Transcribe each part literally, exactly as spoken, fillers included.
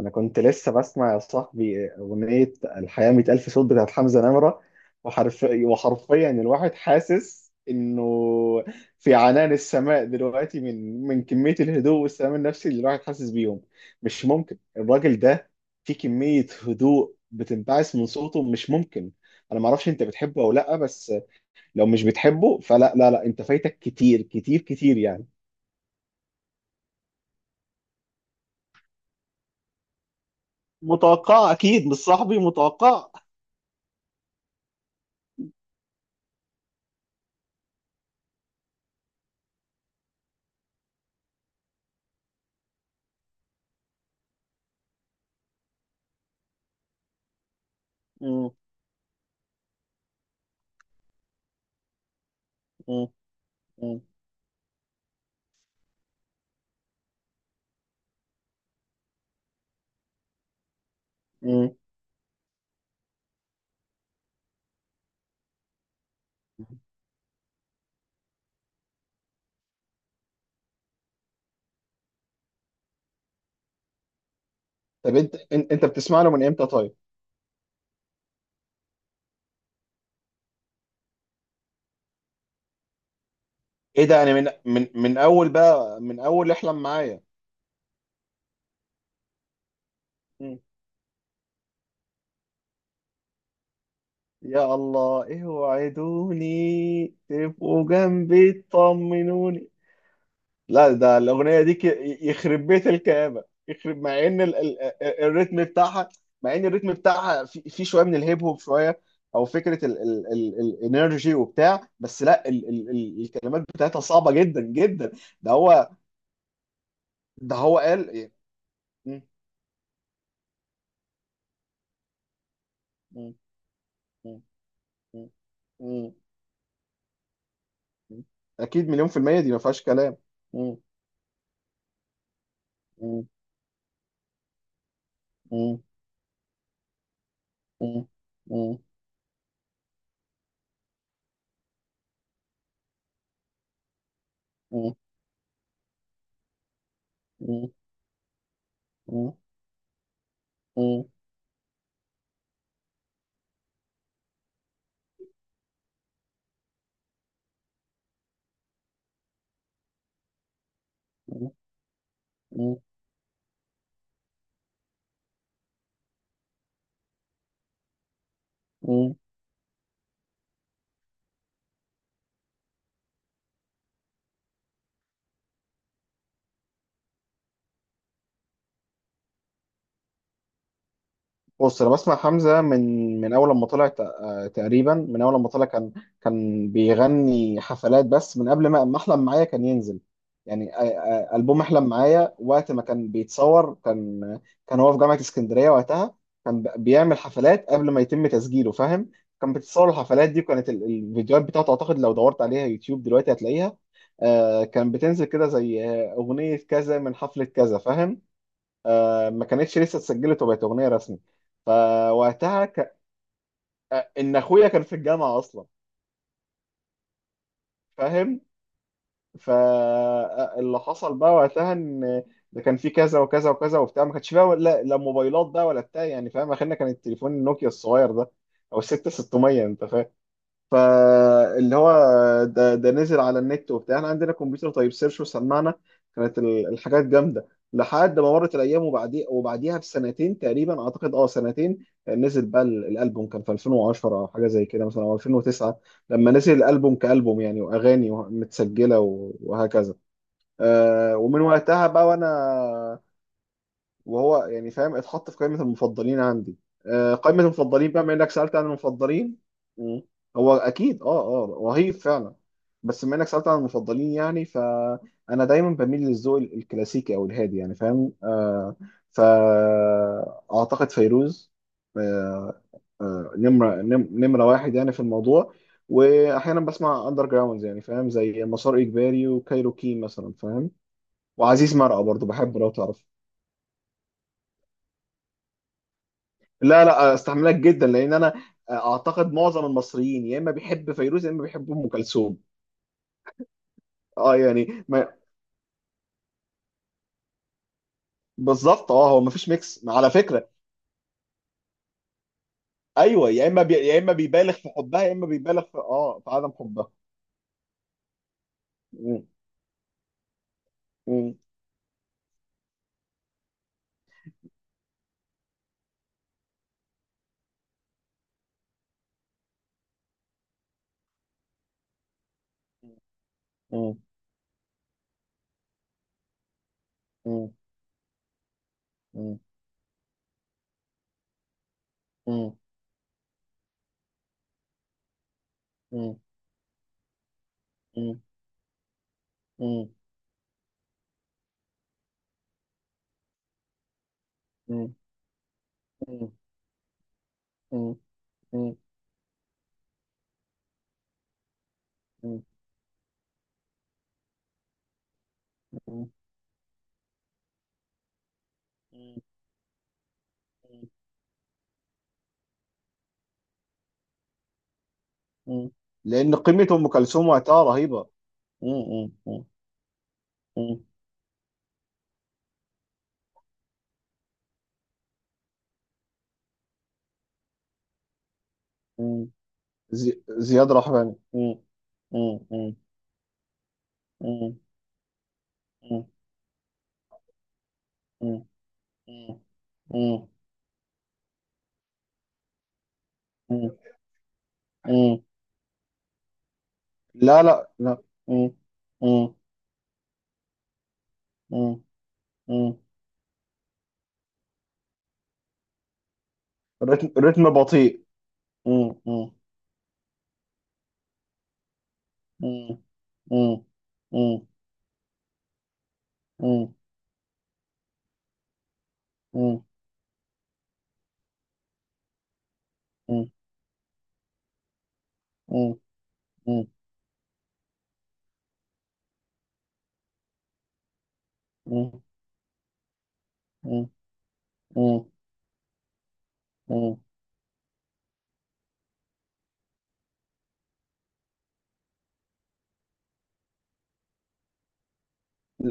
انا كنت لسه بسمع يا صاحبي اغنيه الحياه مية الف صوت بتاعت حمزه نمره. وحرفيا وحرفيا الواحد حاسس انه في عنان السماء دلوقتي، من من كميه الهدوء والسلام النفسي اللي الواحد حاسس بيهم. مش ممكن الراجل ده، في كميه هدوء بتنبعث من صوته، مش ممكن. انا ما اعرفش انت بتحبه او لا، بس لو مش بتحبه فلا لا لا، انت فايتك كتير كتير كتير يعني. متوقع اكيد، مش صاحبي، متوقع. مم. مم. مم. مم. طب انت ان- انت بتسمع له من امتى طيب؟ ايه ده، يعني من من من اول بقى، من اول احلم معايا. مم. يا الله، ايه وعدوني تبقوا جنبي تطمنوني. لا ده الاغنيه دي ك-. يخرب بيت الكآبه، يخرب، مع ان ال ال ال- الريتم بتاعها. مع ان الريتم بتاعها في، في شويه من الهيب هوب شويه، او فكره ال ال ال الانرجي وبتاع. بس لا ال ال ال الكلمات بتاعتها صعبه جدا جدا. ده هو ده هو قال. مم. مم. مم. مم. مم. اكيد مليون في المية، دي ما فيهاش كلام. مم. مم. مم. مم. مم. مم. مم. مم. مم. مم. بص، انا بسمع حمزة من من اول لما طلع، تق- آه، تقريبا من اول لما طلع، كان كان بيغني حفلات بس. من قبل ما ما احلم معايا كان ينزل، يعني آه، آه، البوم احلم معايا وقت ما كان بيتصور، كان كان هو في جامعة اسكندرية وقتها. كان ب- بيعمل حفلات قبل ما يتم تسجيله، فاهم. كان بيتصور الحفلات دي، وكانت ال- الفيديوهات بتاعته، اعتقد لو دورت عليها يوتيوب دلوقتي هتلاقيها. آه، كان بتنزل كده، زي آه، اغنية كذا من حفلة كذا، فاهم، آه، ما كانتش لسه اتسجلت وبقت اغنيه رسمي. فوقتها ك... آه، ان اخويا كان في الجامعه اصلا، فاهم. فاللي حصل بقى وقتها ان ده كان في كذا وكذا وكذا وبتاع، ما كانش فيها ولا لا موبايلات بقى ولا بتاع، يعني فاهم، اخرنا كان التليفون النوكيا الصغير ده، او الست ستة ستمية، انت فاهم. فاللي هو ده, ده نزل على النت وبتاع، احنا عندنا كمبيوتر، طيب سيرش وسمعنا، كانت ال- الحاجات جامده. لحد ما مرت الايام، وبعدي وبعديها بسنتين تقريبا، اعتقد اه سنتين، نزل بقى ال- الالبوم، كان في ألفين وعشرة او حاجه زي كده مثلا، او ألفين وتسعة. لما نزل الالبوم كالبوم يعني، واغاني متسجله و- وهكذا. آه، ومن وقتها بقى، وانا وهو يعني فاهم، اتحط في قائمة المفضلين عندي. آه، قائمة المفضلين بقى، بما انك سألت عن المفضلين. مم. هو اكيد، اه اه رهيب فعلا. بس بما انك سألت عن المفضلين، يعني فانا دايما بميل للذوق ال- الكلاسيكي او الهادي، يعني فاهم آه. فاعتقد فيروز، آه، آه، نمرة نم- نمرة واحد يعني في الموضوع. واحيانا بسمع اندر جراوندز، يعني فاهم، زي مسار اجباري وكايروكي مثلا، فاهم. وعزيز مرقة برضو بحبه لو تعرف. لا لا، استحملك جدا، لان انا اعتقد معظم المصريين يا اما بيحب فيروز يا اما بيحب ام كلثوم. اه، يعني ما. بالظبط، اه هو ما فيش ميكس على فكره. ايوه، يا اما بي... يا اما بيبالغ في حبها، يا اما بيبالغ في اه في عدم حبها. م- م- م- م- م- م- م- م- م- م- م- م- م- م- لان قيمه ام كلثوم وقتها رهيبه. م- م- م- م- زي... زياد رحباني. مم. مم. مم. مم. مم. مم. مم. مم. مم. مم. لا لا لا. مم. مم. مم. مم. الريتم، الريتم بطيء. مم. مم. مم. مم. مم. مم. مم. مم. مم. مم. مم. مم. مم.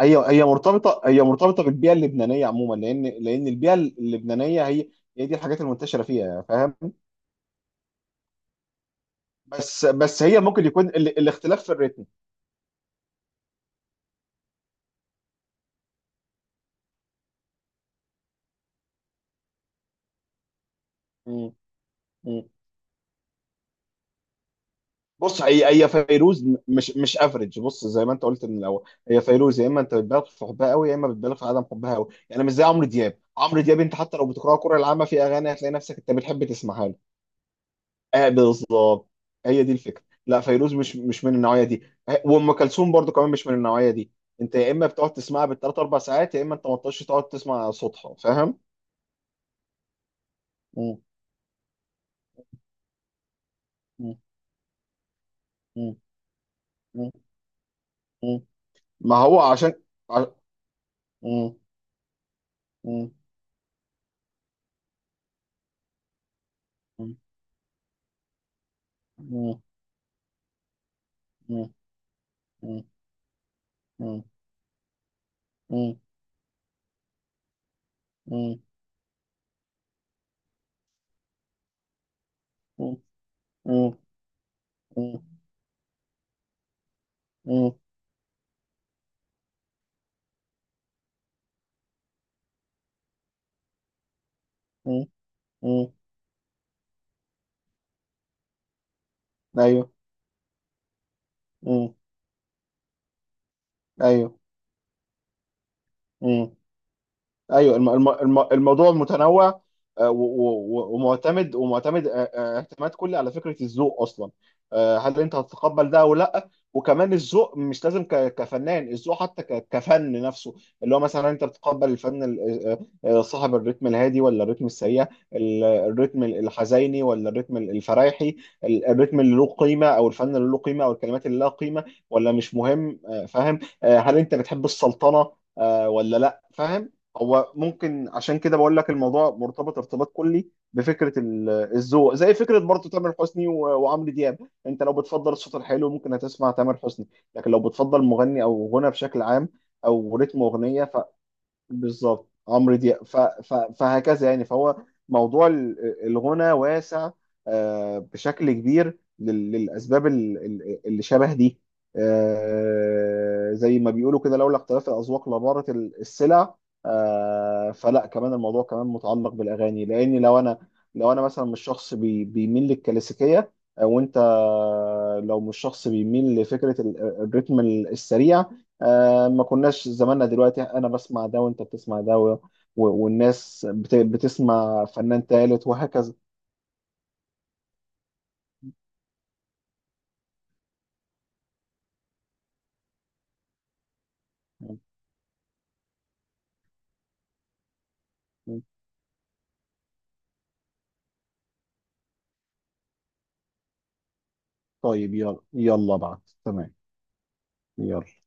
هي هي مرتبطه هي مرتبطه بالبيئه اللبنانيه عموما، لان لان البيئه اللبنانيه، هي هي دي الحاجات المنتشره فيها، فاهم. بس بس هي ممكن يكون ال... الاختلاف في الريتم. مم. مم. بص، هي هي فيروز م- مش مش افريج، بص زي ما انت قلت من الاول. هي فيروز يا اما انت بتبالغ في حبها قوي يا اما بتبالغ في عدم حبها قوي، يعني مش زي عمرو دياب. عمرو دياب انت حتى لو بتقرا القرآن العامه في اغاني هتلاقي نفسك انت بتحب تسمعها له. اه، بالظبط. هي دي الفكره، لا فيروز مش مش من النوعيه دي. آه، وام كلثوم برضو كمان مش من النوعيه دي. انت يا اما بتقعد تسمعها بالثلاث اربع ساعات يا اما انت ما تقعدش، تقعد تسمع صوتها، فاهم. مم. مم. مم. مم. ما هو عشان ع-. مم. مم. مم. مم. مم. مم. مم. مم. مم. مم. مم. مم. مم. مم. ايوه. مم. ايوه. مم. ايوه، الم... الم... الم... الموضوع متنوع. آه، و... و... ومعتمد، ومعتمد آه، آه، اعتماد كلي على فكره الذوق اصلا. آه، هل انت هتتقبل ده او لا. وكمان الذوق مش لازم ك... كفنان، الذوق حتى ك... كفن نفسه. اللي هو مثلا انت بتقبل الفن ال- آه، آه، صاحب الريتم الهادي، ولا الريتم السريع. ال- الريتم الحزيني ولا الريتم الفرايحي. ال- الريتم اللي له قيمه، او الفن اللي له قيمه، او الكلمات اللي لها قيمه. ولا مش مهم، آه، فاهم، آه، هل انت بتحب السلطنه، آه، ولا لا، فاهم. هو ممكن عشان كده بقول لك الموضوع مرتبط ارتباط كلي بفكره ال- الذوق، زي فكره برضه تامر حسني و- وعمرو دياب. انت لو بتفضل الصوت الحلو، ممكن هتسمع تامر حسني. لكن لو بتفضل مغني او غنى بشكل عام، او رتم اغنيه، بالظبط عمرو دياب، ف... ف... فهكذا يعني. فهو موضوع ال- الغنى واسع، آه، بشكل كبير لل- للأسباب ال- ال- اللي شبه دي. آه، زي ما بيقولوا كده، لولا اختلاف الأذواق لبارت ال- السلع. آه، فلا كمان الموضوع كمان متعلق بالأغاني، لأن لو أنا لو أنا مثلا مش شخص بي... بيميل للكلاسيكية. آه، وأنت لو مش شخص بيميل لفكرة ال- الريتم السريع، آه، ما كناش زماننا دلوقتي انا بسمع ده وانت بتسمع ده و... و... والناس بت... بتسمع فنان تالت وهكذا. طيب، يلا يلا بعد. تمام. يلا.